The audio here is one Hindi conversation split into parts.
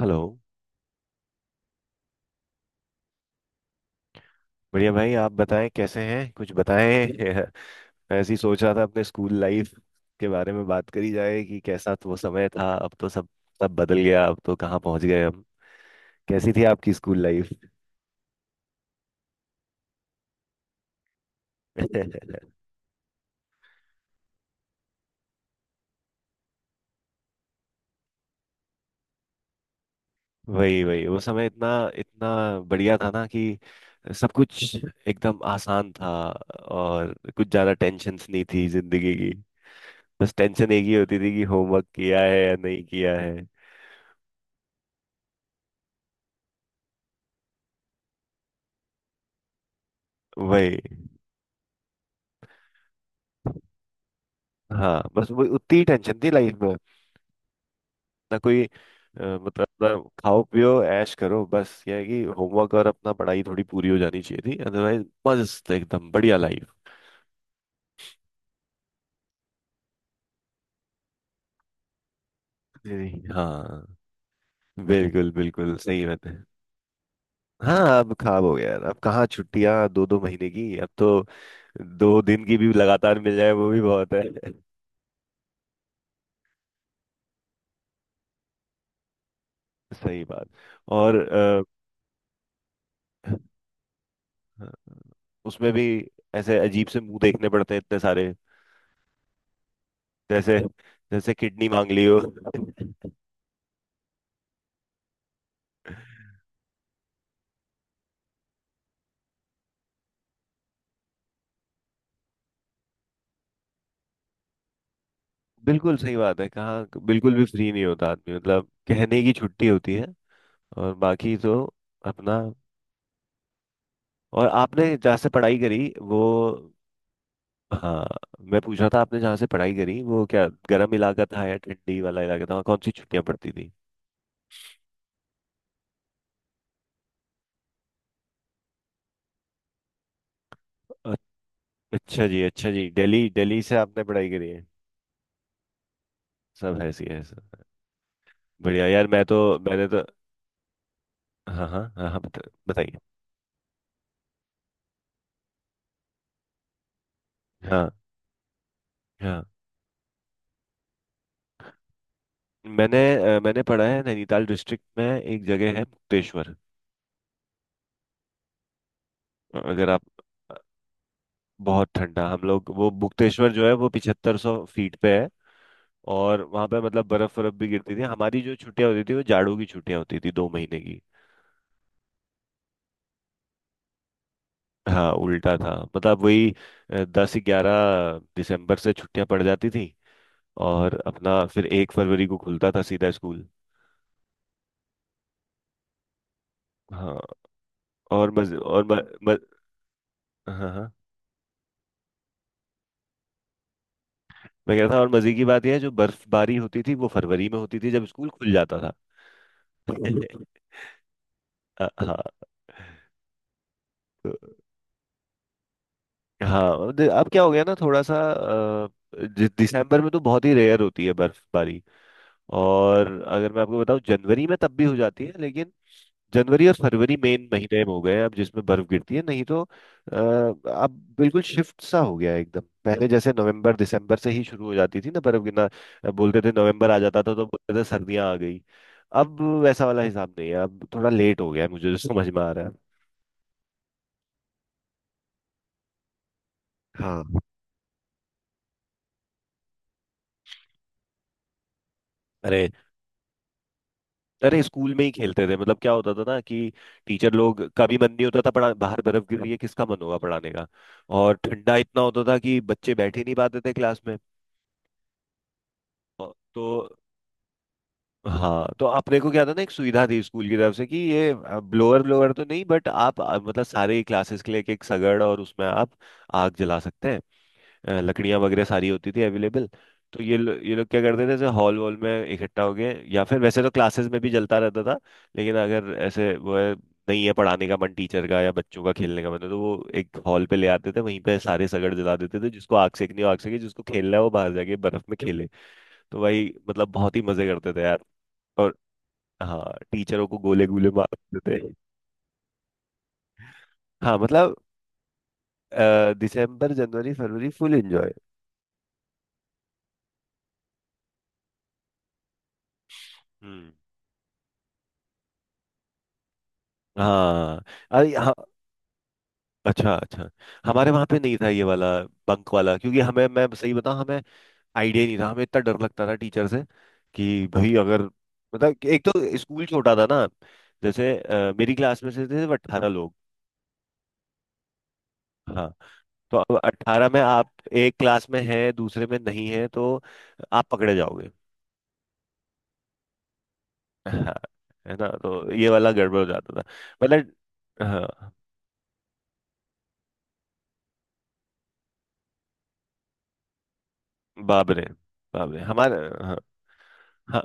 हेलो। बढ़िया भाई, आप बताएं कैसे हैं? कुछ बताएं। ऐसी सोच रहा था अपने स्कूल लाइफ के बारे में बात करी जाए कि कैसा तो वो समय था। अब तो सब सब बदल गया, अब तो कहाँ पहुंच गए हम। कैसी थी आपकी स्कूल लाइफ? वही वही, वो समय इतना इतना बढ़िया था ना कि सब कुछ एकदम आसान था, और कुछ ज्यादा टेंशन्स नहीं थी जिंदगी की। बस टेंशन एक ही होती थी कि होमवर्क किया है या नहीं किया है। वही। हाँ, बस वो उतनी ही टेंशन थी लाइफ में। ना कोई मतलब अपना खाओ पियो ऐश करो, बस ये है कि होमवर्क और अपना पढ़ाई थोड़ी पूरी हो जानी चाहिए थी, अदरवाइज मस्त एकदम बढ़िया लाइफ। हाँ, बिल्कुल बिल्कुल सही बात है। हाँ, अब खराब हो गया यार। अब कहाँ छुट्टियां दो दो महीने की, अब तो 2 दिन की भी लगातार मिल जाए वो भी बहुत है। सही बात। और उसमें भी ऐसे अजीब से मुंह देखने पड़ते हैं इतने सारे, जैसे जैसे किडनी मांग ली हो। बिल्कुल सही बात है, कहाँ बिल्कुल भी फ्री नहीं होता आदमी, मतलब कहने की छुट्टी होती है और बाकी तो अपना। और आपने जहाँ से पढ़ाई करी वो? हाँ, मैं पूछ रहा था आपने जहाँ से पढ़ाई करी, वो क्या गर्म इलाका था या ठंडी वाला इलाका था, वहाँ कौन सी छुट्टियाँ पड़ती थी? अ- अच्छा जी, अच्छा जी, दिल्ली, दिल्ली से आपने पढ़ाई करी है। सब ऐसी है सब। बढ़िया यार, मैंने तो हाँ हाँ हाँ हाँ, बताइए। हाँ हाँ। मैंने मैंने पढ़ा है नैनीताल डिस्ट्रिक्ट में, एक जगह है मुक्तेश्वर। अगर आप बहुत ठंडा। हम लोग वो मुक्तेश्वर जो है वो 7500 फीट पे है। और वहां पे मतलब बर्फ, बर्फ भी गिरती थी। हमारी जो छुट्टियां होती थी वो जाड़ों की छुट्टियां होती थी, 2 महीने की। हाँ उल्टा था, मतलब वही 10-11 दिसंबर से छुट्टियां पड़ जाती थी, और अपना फिर 1 फरवरी को खुलता था सीधा स्कूल। हाँ। और मज और म, म, हाँ हाँ, मैं कह रहा था, और मजे की बात यह है, जो बर्फबारी होती थी वो फरवरी में होती थी जब स्कूल खुल जाता था। हाँ। तो हाँ अब क्या हो गया ना थोड़ा सा दिसंबर में तो बहुत ही रेयर होती है बर्फबारी। और अगर मैं आपको बताऊं, जनवरी में तब भी हो जाती है, लेकिन जनवरी और फरवरी मेन महीने हो गए हैं अब जिसमें बर्फ गिरती है। नहीं तो अब बिल्कुल शिफ्ट सा हो गया है एकदम, पहले जैसे नवंबर दिसंबर से ही शुरू हो जाती थी ना बर्फ गिरना। बोलते थे नवंबर आ जाता था तो बोलते थे सर्दियां आ गई। अब वैसा वाला हिसाब नहीं है, अब थोड़ा लेट हो गया है, मुझे जो समझ में आ रहा है। हाँ। अरे, अरे स्कूल में ही खेलते थे। मतलब क्या होता था ना कि टीचर लोग का भी मन नहीं होता था पढ़ा, बाहर बर्फ गिर रही है किसका मन होगा पढ़ाने का। और ठंडा इतना होता था कि बच्चे बैठ ही नहीं पाते थे क्लास में। और- तो हाँ, तो अपने को क्या था ना, एक सुविधा थी स्कूल की तरफ से कि ये ब्लोअर, ब्लोअर तो नहीं, बट आप मतलब सारे क्लासेस के लिए एक एक सगड़, और उसमें आप आग जला सकते हैं। लकड़ियां वगैरह सारी होती थी अवेलेबल। तो ये लो, ये लोग क्या करते थे, जैसे हॉल वॉल में इकट्ठा हो गए, या फिर वैसे तो क्लासेस में भी जलता रहता था, लेकिन अगर ऐसे वो है, नहीं है पढ़ाने का मन टीचर का या बच्चों का खेलने का मन, तो वो एक हॉल पे ले आते थे, वहीं पे सारे सगड़ जला देते थे, जिसको आग सेकनी हो आग सेके, जिसको खेलना है वो बाहर जाके बर्फ में खेले। तो भाई मतलब बहुत ही मजे करते थे यार। और हाँ, टीचरों को गोले गोले मारते थे। हाँ, मतलब दिसंबर जनवरी फरवरी फुल एंजॉय। हम्म। हाँ, अरे हाँ, अच्छा अच्छा। हमारे वहां पे नहीं था ये वाला बंक वाला, क्योंकि हमें, मैं सही बताऊं, हमें आइडिया नहीं था, हमें इतना डर लगता था टीचर से कि भाई अगर, मतलब कि एक तो स्कूल छोटा था ना, जैसे मेरी क्लास में से थे 18 लोग। हाँ, तो अब 18 में आप एक क्लास में हैं दूसरे में नहीं है तो आप पकड़े जाओगे। हाँ है ना, तो ये वाला गड़बड़ हो जाता था। मतलब। हाँ बाबरे बाबरे हमारे। हाँ। ह-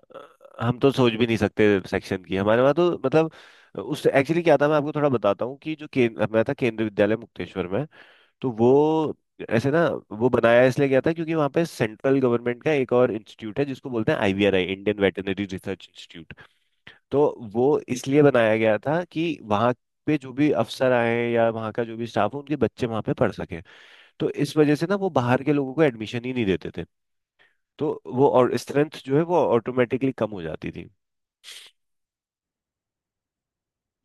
हम तो सोच भी नहीं सकते सेक्शन की। हमारे वहाँ तो मतलब उस एक्चुअली क्या था, मैं आपको थोड़ा बताता हूँ, कि जो केंद्र मैं था केंद्रीय विद्यालय मुक्तेश्वर में, तो वो ऐसे ना वो बनाया इसलिए गया था क्योंकि वहाँ पे सेंट्रल गवर्नमेंट का एक और इंस्टीट्यूट है जिसको बोलते हैं IVRI, Indian veterinary research institute. तो वो इसलिए बनाया गया था कि वहाँ पे जो भी अफसर आए हैं या वहाँ का जो भी स्टाफ हो, उनके बच्चे वहाँ पे पढ़ सके। तो इस वजह से ना वो बाहर के लोगों को एडमिशन ही नहीं देते थे। तो वो और स्ट्रेंथ जो है वो ऑटोमेटिकली कम हो जाती थी।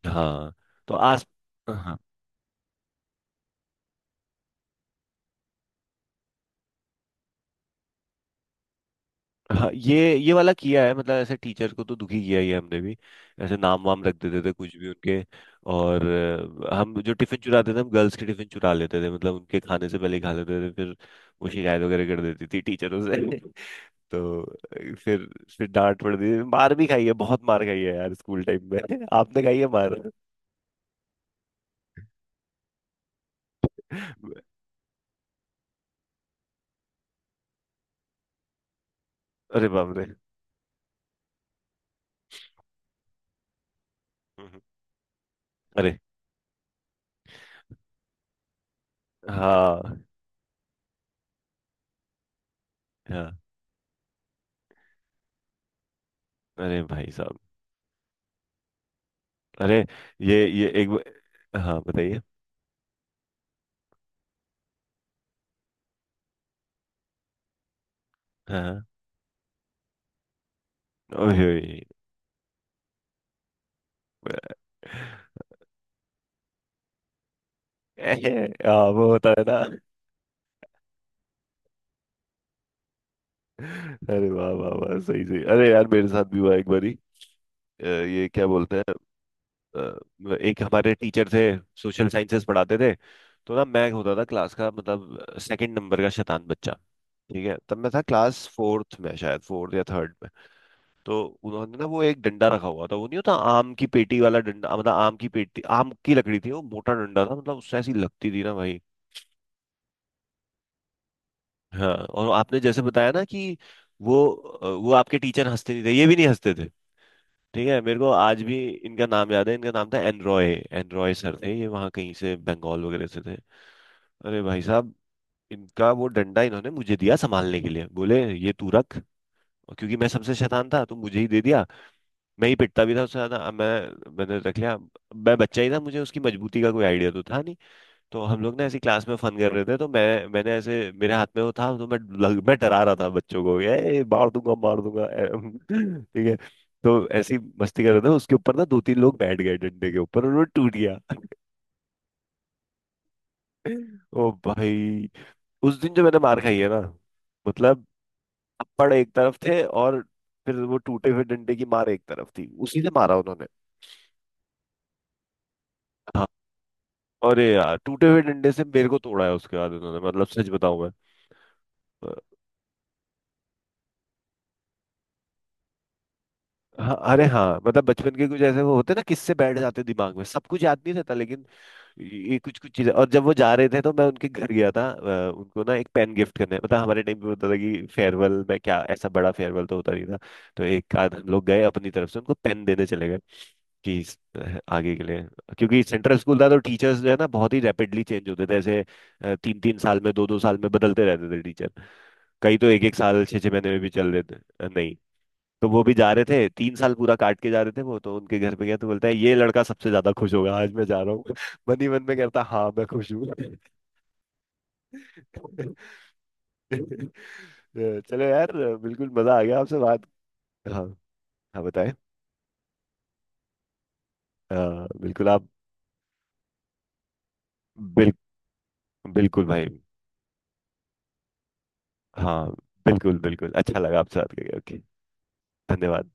हाँ, तो आस। हाँ हाँ, ये वाला किया है, मतलब ऐसे टीचर को तो दुखी किया ही है हमने भी। ऐसे नाम वाम रख देते थे कुछ भी उनके। और हम जो टिफिन चुराते थे, हम गर्ल्स के टिफिन चुरा लेते थे, मतलब उनके खाने से पहले ही खा लेते थे, फिर वो शिकायत वगैरह कर देती थी टीचरों से। तो फिर डांट पड़ती थी। मार भी खाई है, बहुत मार खाई है यार स्कूल टाइम में। आपने खाई है मार? अरे बाप रे। हम्म, अरे हाँ हाँ। अरे भाई साहब, अरे ये एक हाँ बताइए। हाँ हाँ। ओए ओए। अरे, हाँ वो होता है ना। अरे वाह वाह वाह, सही सही। अरे यार, मेरे साथ भी हुआ एक बारी। ये क्या बोलते हैं, एक हमारे टीचर थे, सोशल साइंसेस पढ़ाते थे। तो ना मैं होता था क्लास का मतलब सेकंड नंबर का शैतान बच्चा। ठीक है, तब मैं था क्लास फोर्थ में, शायद फोर्थ या थर्ड। तो उन्होंने ना वो एक डंडा रखा हुआ था, वो नहीं होता आम की पेटी वाला डंडा, मतलब आम की पेटी, आम की लकड़ी थी, वो मोटा डंडा था, मतलब उससे ऐसी लगती थी ना भाई। हाँ, और आपने जैसे बताया ना कि वो वो आपके टीचर हंसते नहीं थे, ये भी नहीं हंसते थे। ठीक है, मेरे को आज भी इनका नाम याद है। इनका नाम था एनरॉय। एनरॉय सर थे, ये वहाँ कहीं से बंगाल वगैरह से थे। अरे भाई साहब, इनका वो डंडा इन्होंने मुझे दिया संभालने के लिए, बोले ये तू रख। और क्योंकि मैं सबसे शैतान था तो मुझे ही दे दिया, मैं ही पिटता भी था उससे ज्यादा। अब मैंने रख लिया। मैं बच्चा ही था, मुझे उसकी मजबूती का कोई आइडिया तो था नहीं। तो हम लोग ना ऐसी क्लास में फन कर रहे थे, तो मैंने ऐसे मेरे हाथ में वो था, तो मैं डरा रहा था बच्चों को, ये मार दूंगा मार दूंगा, ए। ठीक है, तो ऐसी मस्ती कर रहे थे, उसके ऊपर ना दो तीन लोग बैठ गए डंडे के ऊपर और वो टूट गया। ओ भाई, उस दिन जो मैंने मार खाई है ना, मतलब थप्पड़ एक तरफ थे और फिर वो टूटे हुए डंडे की मार एक तरफ थी, उसी से मारा उन्होंने। अरे यार, टूटे हुए डंडे से मेरे को तोड़ा है उसके बाद उन्होंने, मतलब सच बताऊं मैं, अ, हाँ। अरे हाँ, मतलब बचपन के कुछ ऐसे वो होते ना, किससे बैठ जाते दिमाग में, सब कुछ याद नहीं रहता लेकिन ये कुछ कुछ चीजें। और जब वो जा रहे थे तो मैं उनके घर गया था, उनको ना एक पेन गिफ्ट करने, मतलब हमारे टाइम पे होता था कि फेयरवेल में क्या, ऐसा बड़ा फेयरवेल तो होता नहीं था, तो एक आध हम लोग गए अपनी तरफ से उनको पेन देने चले गए कि आगे के लिए। क्योंकि सेंट्रल स्कूल था तो टीचर्स जो है ना बहुत ही रैपिडली चेंज होते थे ऐसे, तीन तीन साल में दो दो साल में बदलते रहते थे टीचर। कई तो एक एक साल छः छः महीने में भी चल देते। नहीं तो वो भी जा रहे थे, 3 साल पूरा काट के जा रहे थे वो, तो उनके घर पे गया तो बोलता है ये लड़का सबसे ज्यादा खुश होगा आज मैं जा रहा हूँ। मन ही मन में कहता हाँ मैं खुश हूँ। चलो यार, बिल्कुल मजा आ गया आपसे बात। हाँ, हाँ बताएं। अ, बिल्कुल आप, बिल, बिल्कुल भाई। हाँ, बिल्कुल बिल्कुल अच्छा लगा आपसे बात करके। ओके, धन्यवाद।